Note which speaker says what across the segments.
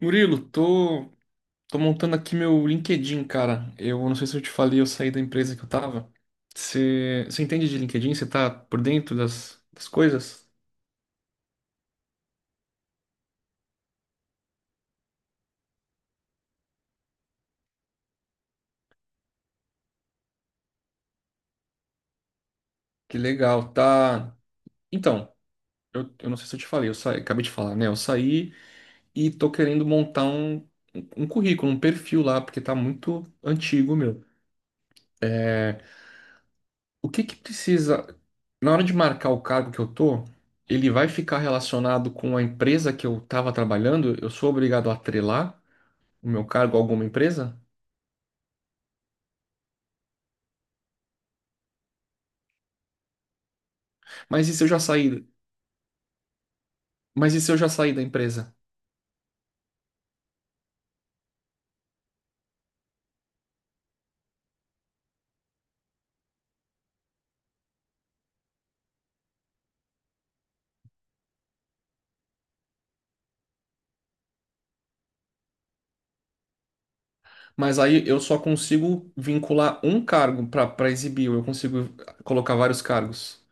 Speaker 1: Murilo, tô montando aqui meu LinkedIn, cara. Eu não sei se eu te falei, eu saí da empresa que eu tava. Você entende de LinkedIn? Você tá por dentro das coisas? Que legal, tá? Então, eu não sei se eu te falei, eu saí, acabei de falar, né? Eu saí e tô querendo montar um currículo, um perfil lá, porque tá muito antigo, meu. O que que precisa, na hora de marcar o cargo que eu tô, ele vai ficar relacionado com a empresa que eu tava trabalhando? Eu sou obrigado a atrelar o meu cargo a alguma empresa? Mas e se eu já saí? Mas e se eu já saí da empresa? Mas aí eu só consigo vincular um cargo para exibir, eu consigo colocar vários cargos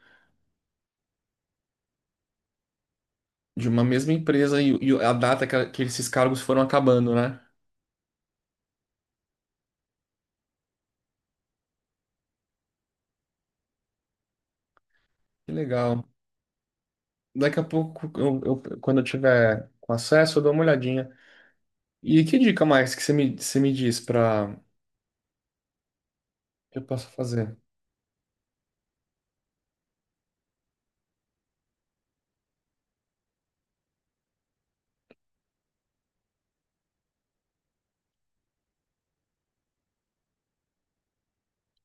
Speaker 1: de uma mesma empresa e, a data que esses cargos foram acabando, né? Que legal. Daqui a pouco, quando eu tiver com acesso, eu dou uma olhadinha. E que dica mais que você me diz para eu posso fazer?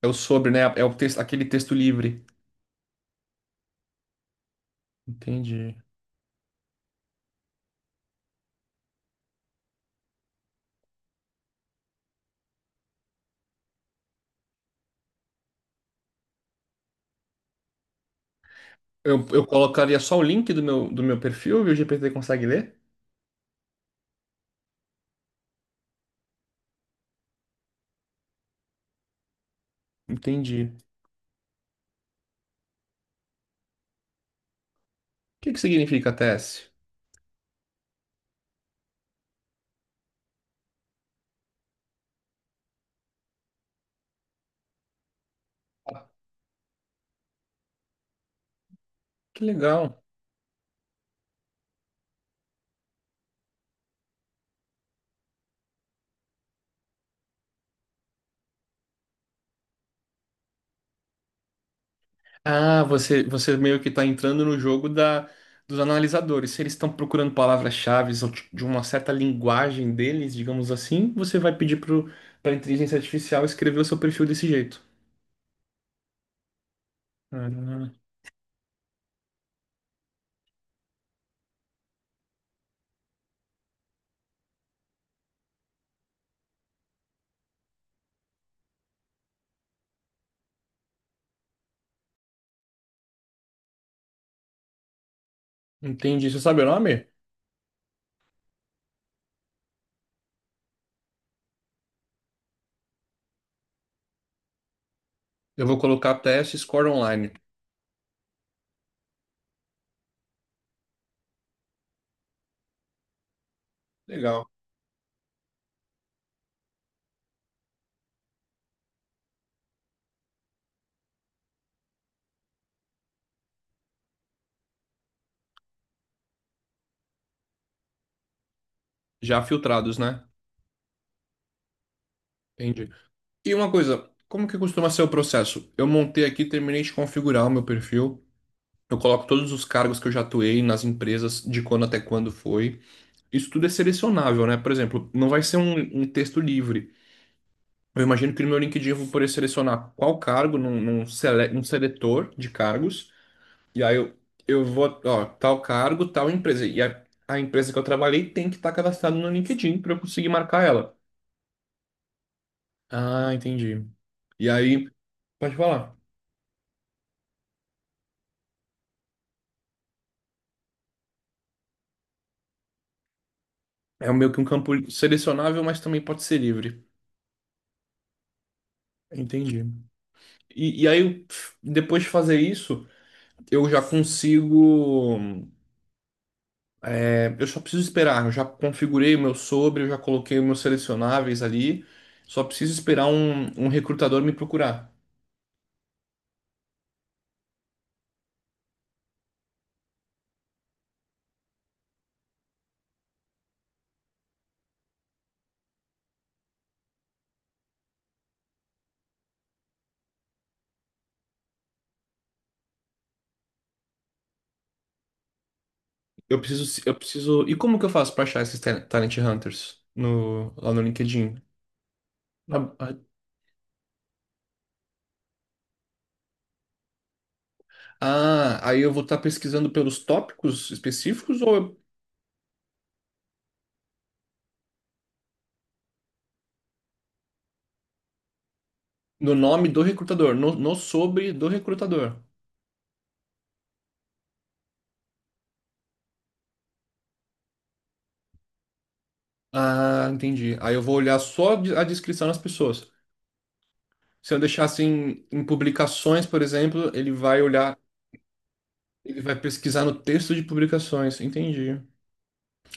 Speaker 1: É o sobre, né? É o texto, aquele texto livre. Entendi. Eu colocaria só o link do meu perfil e o GPT consegue ler? Entendi. O que que significa TS? Que legal. Ah, você meio que está entrando no jogo dos analisadores. Se eles estão procurando palavras-chave ou de uma certa linguagem deles, digamos assim, você vai pedir para a inteligência artificial escrever o seu perfil desse jeito. Ah, entendi. Você sabe o nome? Eu vou colocar TS Score Online. Legal. Já filtrados, né? Entendi. E uma coisa, como que costuma ser o processo? Eu montei aqui, terminei de configurar o meu perfil. Eu coloco todos os cargos que eu já atuei nas empresas, de quando até quando foi. Isso tudo é selecionável, né? Por exemplo, não vai ser um texto livre. Eu imagino que no meu LinkedIn eu vou poder selecionar qual cargo um seletor de cargos. E aí eu vou, ó, tal cargo, tal empresa. E a empresa que eu trabalhei tem que estar cadastrada no LinkedIn para eu conseguir marcar ela. Ah, entendi. E aí, pode falar. É meio que um campo selecionável, mas também pode ser livre. Entendi. E aí, pf, depois de fazer isso, eu já consigo. É, eu só preciso esperar. Eu já configurei o meu sobre, eu já coloquei os meus selecionáveis ali. Só preciso esperar um recrutador me procurar. Eu preciso, eu preciso. E como que eu faço para achar esses Talent Hunters lá no LinkedIn? Ah, aí eu vou estar pesquisando pelos tópicos específicos ou no nome do recrutador? No sobre do recrutador? Ah, entendi. Aí eu vou olhar a descrição das pessoas. Se eu deixar assim em publicações, por exemplo, ele vai pesquisar no texto de publicações. Entendi.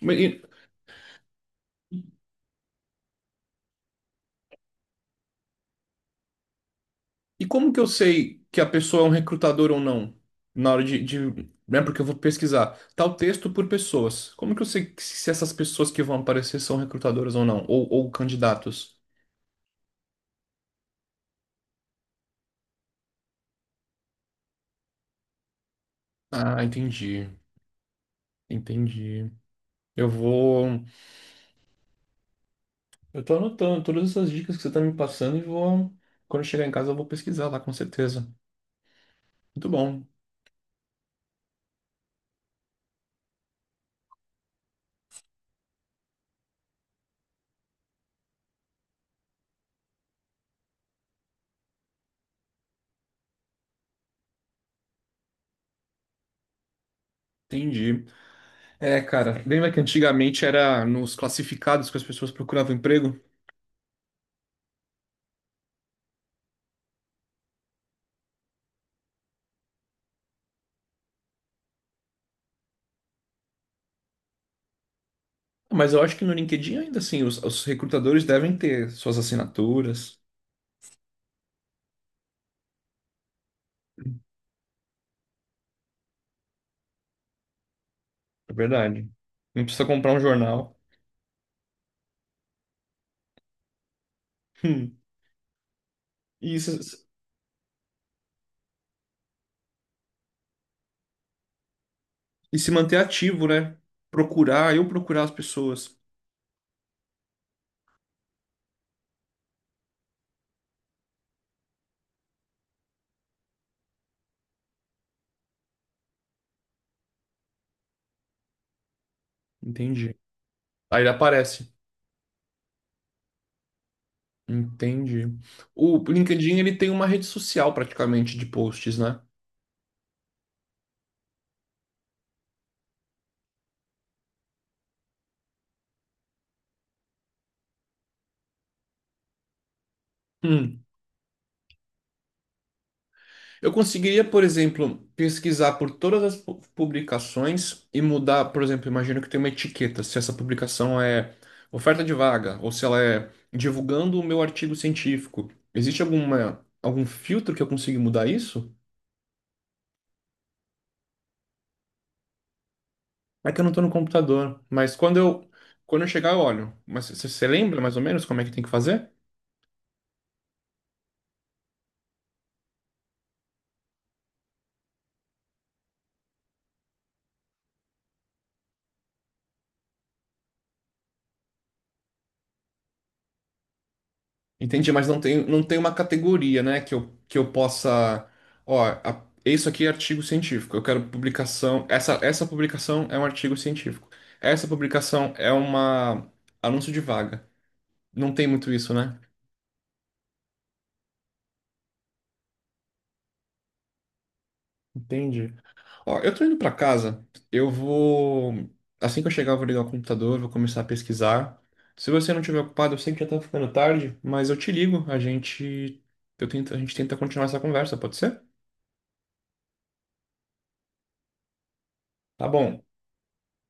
Speaker 1: Mas e como que eu sei que a pessoa é um recrutador ou não? Na hora né? Porque eu vou pesquisar tal texto por pessoas. Como que eu sei se essas pessoas que vão aparecer são recrutadoras ou não? Ou candidatos? Ah, entendi. Entendi. Eu vou. Eu tô anotando todas essas dicas que você tá me passando e vou. Quando eu chegar em casa, eu vou pesquisar lá, com certeza. Muito bom. Entendi. É, cara, lembra que antigamente era nos classificados que as pessoas procuravam emprego? Mas eu acho que no LinkedIn ainda assim, os recrutadores devem ter suas assinaturas. É verdade. Não precisa comprar um jornal. Hum. E, se- e se manter ativo, né? Procurar, eu procurar as pessoas. Entendi. Aí ele aparece. Entendi. O LinkedIn ele tem uma rede social praticamente de posts, né? Hum. Eu conseguiria, por exemplo, pesquisar por todas as publicações e mudar, por exemplo, imagino que tem uma etiqueta, se essa publicação é oferta de vaga ou se ela é divulgando o meu artigo científico. Existe alguma algum filtro que eu consiga mudar isso? É que eu não estou no computador, mas quando eu chegar eu olho. Mas você lembra mais ou menos como é que tem que fazer? Entendi, mas não tem, não tem uma categoria, né, que que eu possa. Ó, isso aqui é artigo científico. Eu quero publicação. Essa publicação é um artigo científico. Essa publicação é uma anúncio de vaga. Não tem muito isso, né? Entendi. Ó, eu tô indo pra casa. Eu vou. Assim que eu chegar, eu vou ligar o computador, vou começar a pesquisar. Se você não estiver ocupado, eu sei que já tá ficando tarde, mas eu te ligo. A gente, eu tento, a gente tenta continuar essa conversa, pode ser? Tá bom.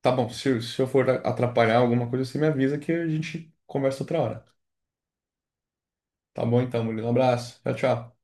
Speaker 1: Tá bom, se eu for atrapalhar alguma coisa, você me avisa que a gente conversa outra hora. Tá bom então, Murilo. Um abraço. Tchau, tchau.